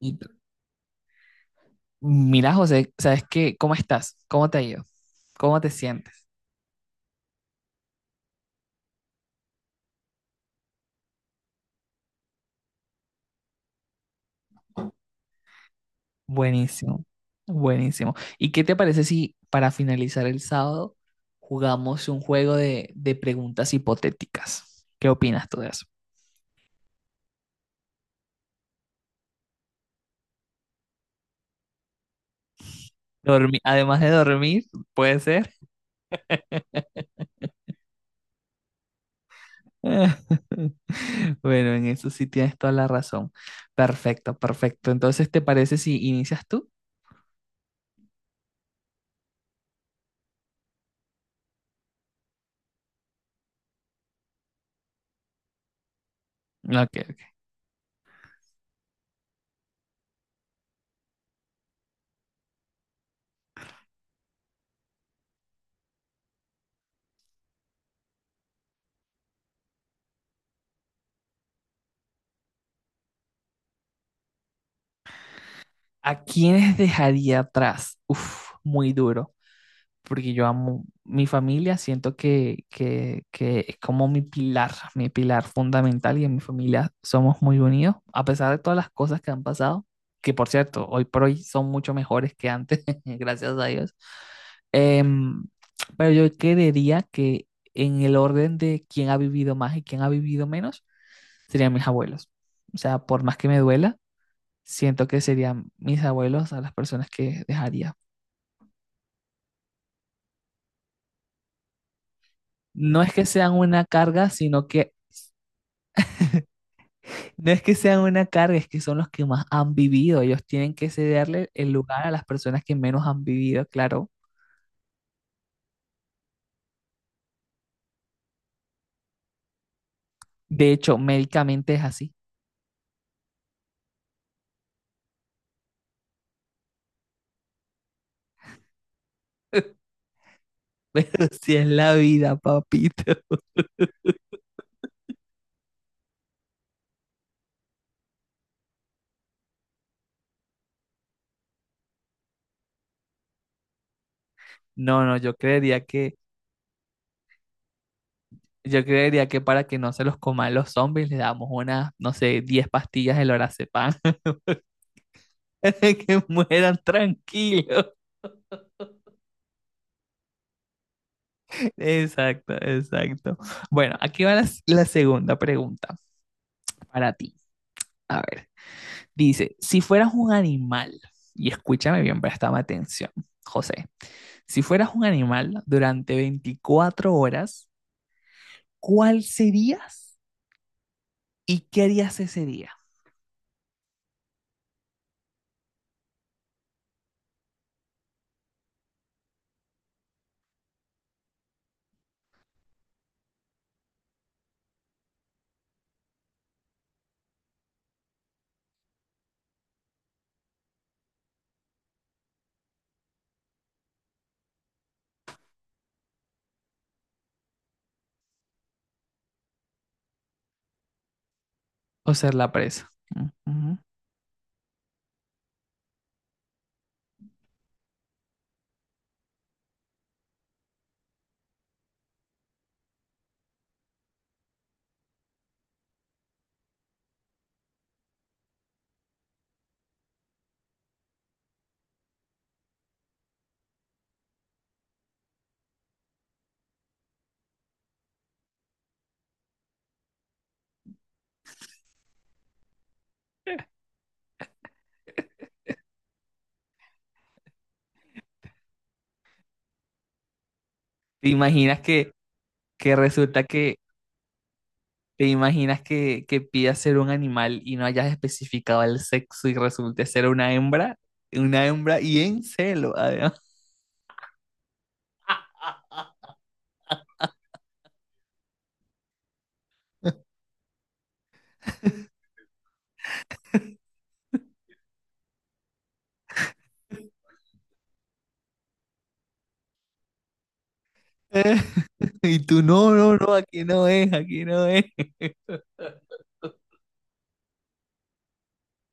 Y mira, José, ¿sabes qué? ¿Cómo estás? ¿Cómo te ha ido? ¿Cómo te sientes? Buenísimo, buenísimo. ¿Y qué te parece si para finalizar el sábado jugamos un juego de preguntas hipotéticas? ¿Qué opinas tú de eso? Además de dormir, puede ser. Bueno, en eso sí tienes toda la razón. Perfecto, perfecto. Entonces, ¿te parece si inicias tú? Ok, ¿a quiénes dejaría atrás? Uf, muy duro, porque yo amo mi familia, siento que es como mi pilar fundamental y en mi familia somos muy unidos, a pesar de todas las cosas que han pasado, que por cierto, hoy por hoy son mucho mejores que antes, gracias a Dios. Em, pero yo creería que en el orden de quién ha vivido más y quién ha vivido menos, serían mis abuelos. O sea, por más que me duela, siento que serían mis abuelos a las personas que dejaría. No es que sean una carga, sino que no es que sean una carga, es que son los que más han vivido. Ellos tienen que cederle el lugar a las personas que menos han vivido, claro. De hecho, médicamente es así. Pero si es la vida, papito. No, no, yo creería que para que no se los coman los zombies, le damos unas, no sé, 10 pastillas de lorazepam, que mueran tranquilos. Exacto, exacto. Bueno, aquí va la segunda pregunta para ti. A ver, dice, si fueras un animal, y escúchame bien, préstame atención, José, si fueras un animal durante 24 horas, ¿cuál serías y qué harías ese día? O ser la presa. Ujú. ¿Te imaginas que, que resulta que ¿Te imaginas que pidas ser un animal y no hayas especificado el sexo y resulte ser una hembra? Una hembra y en celo, además. Eh, Y tú, no, no, no, aquí no es, aquí no es.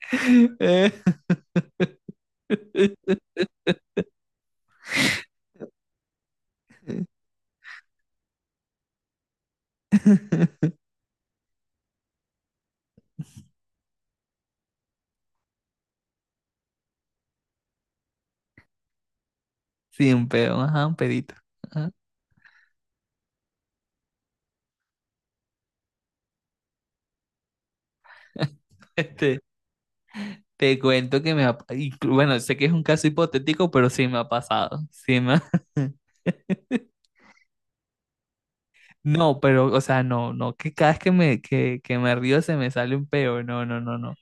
Eh, Sí, un pedo, ajá, un pedito. Ajá. Este, Te cuento que me ha, y bueno, sé que es un caso hipotético, pero sí me ha pasado. No, pero, o sea, no, no, que cada vez que me río se me sale un peo. No, no, no, no.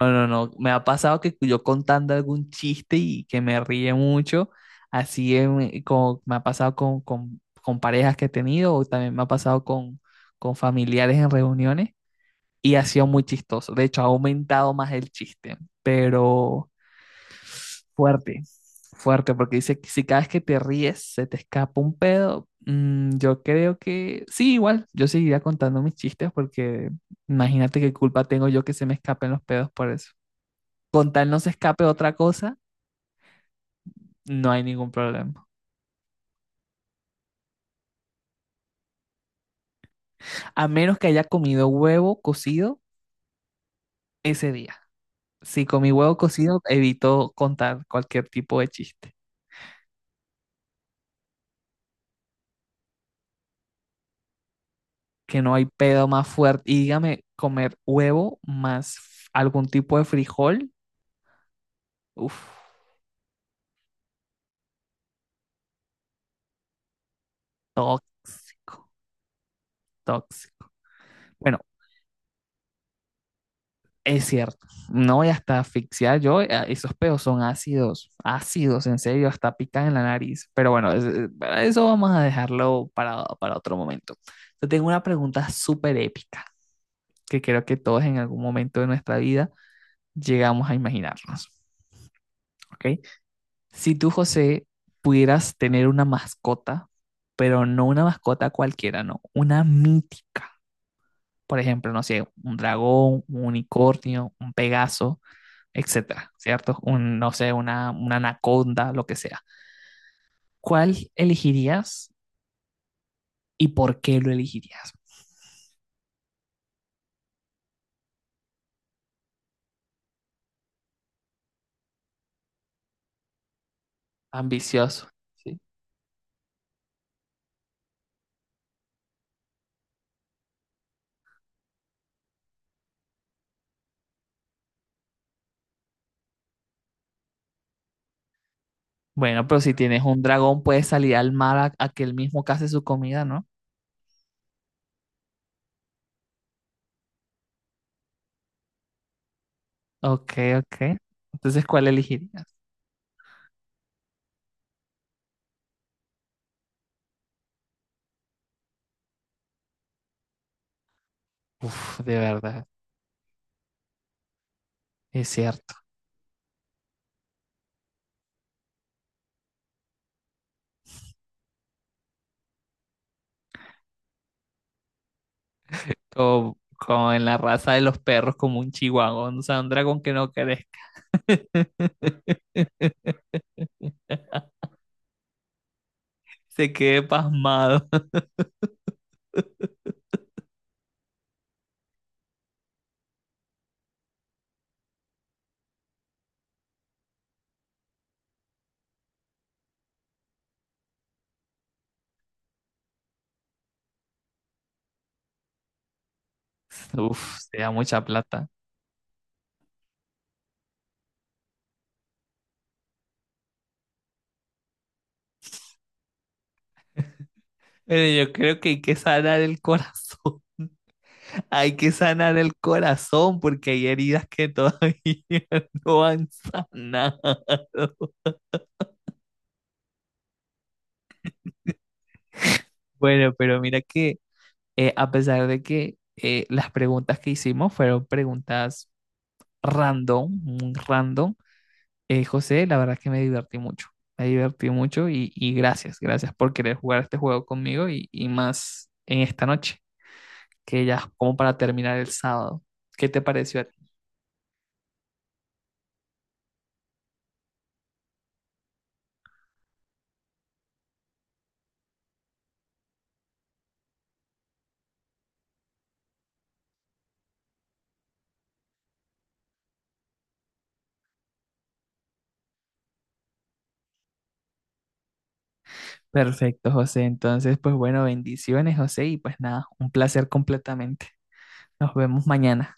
No, no, no. Me ha pasado que yo contando algún chiste y que me ríe mucho, como me ha pasado con parejas que he tenido o también me ha pasado con familiares en reuniones y ha sido muy chistoso. De hecho, ha aumentado más el chiste, pero fuerte, fuerte, porque dice que si cada vez que te ríes se te escapa un pedo, yo creo que sí, igual, yo seguiría contando mis chistes porque imagínate qué culpa tengo yo que se me escapen los pedos por eso. Con tal no se escape otra cosa, no hay ningún problema. A menos que haya comido huevo cocido ese día. Si comí huevo cocido, evito contar cualquier tipo de chiste. Que no hay pedo más fuerte. Y dígame, comer huevo más algún tipo de frijol, uff, tóxico, tóxico. Bueno, es cierto, no, y hasta asfixiar yo, esos peos son ácidos, ácidos, en serio, hasta pican en la nariz. Pero bueno, para eso vamos a dejarlo para otro momento. Te tengo una pregunta súper épica que creo que todos en algún momento de nuestra vida llegamos a imaginarnos, ¿ok? Si tú, José, pudieras tener una mascota, pero no una mascota cualquiera, no, una mítica, por ejemplo, no sé, un dragón, un unicornio, un pegaso, etcétera, ¿cierto? Un, no sé, una anaconda, lo que sea. ¿Cuál elegirías y por qué lo elegirías? Ambicioso. ¿Sí? Bueno, pero si tienes un dragón, puedes salir al mar a que él mismo case su comida, ¿no? Ok, ok. Entonces, ¿cuál elegirías? Uf, de verdad, es cierto. Como, como en la raza de los perros, como un chihuahua, o sea, un dragón que no querés. Se quede pasmado. Uf, sería mucha plata. Pero yo creo que hay que sanar el corazón. Hay que sanar el corazón porque hay heridas que todavía no han sanado. Bueno, pero mira que a pesar de que las preguntas que hicimos fueron preguntas random, muy random, José, la verdad que me divertí mucho. Me divertí mucho y gracias, gracias por querer jugar este juego conmigo y más en esta noche, que ya es como para terminar el sábado. ¿Qué te pareció a ti? Perfecto, José. Entonces, pues bueno, bendiciones, José, y pues nada, un placer completamente. Nos vemos mañana.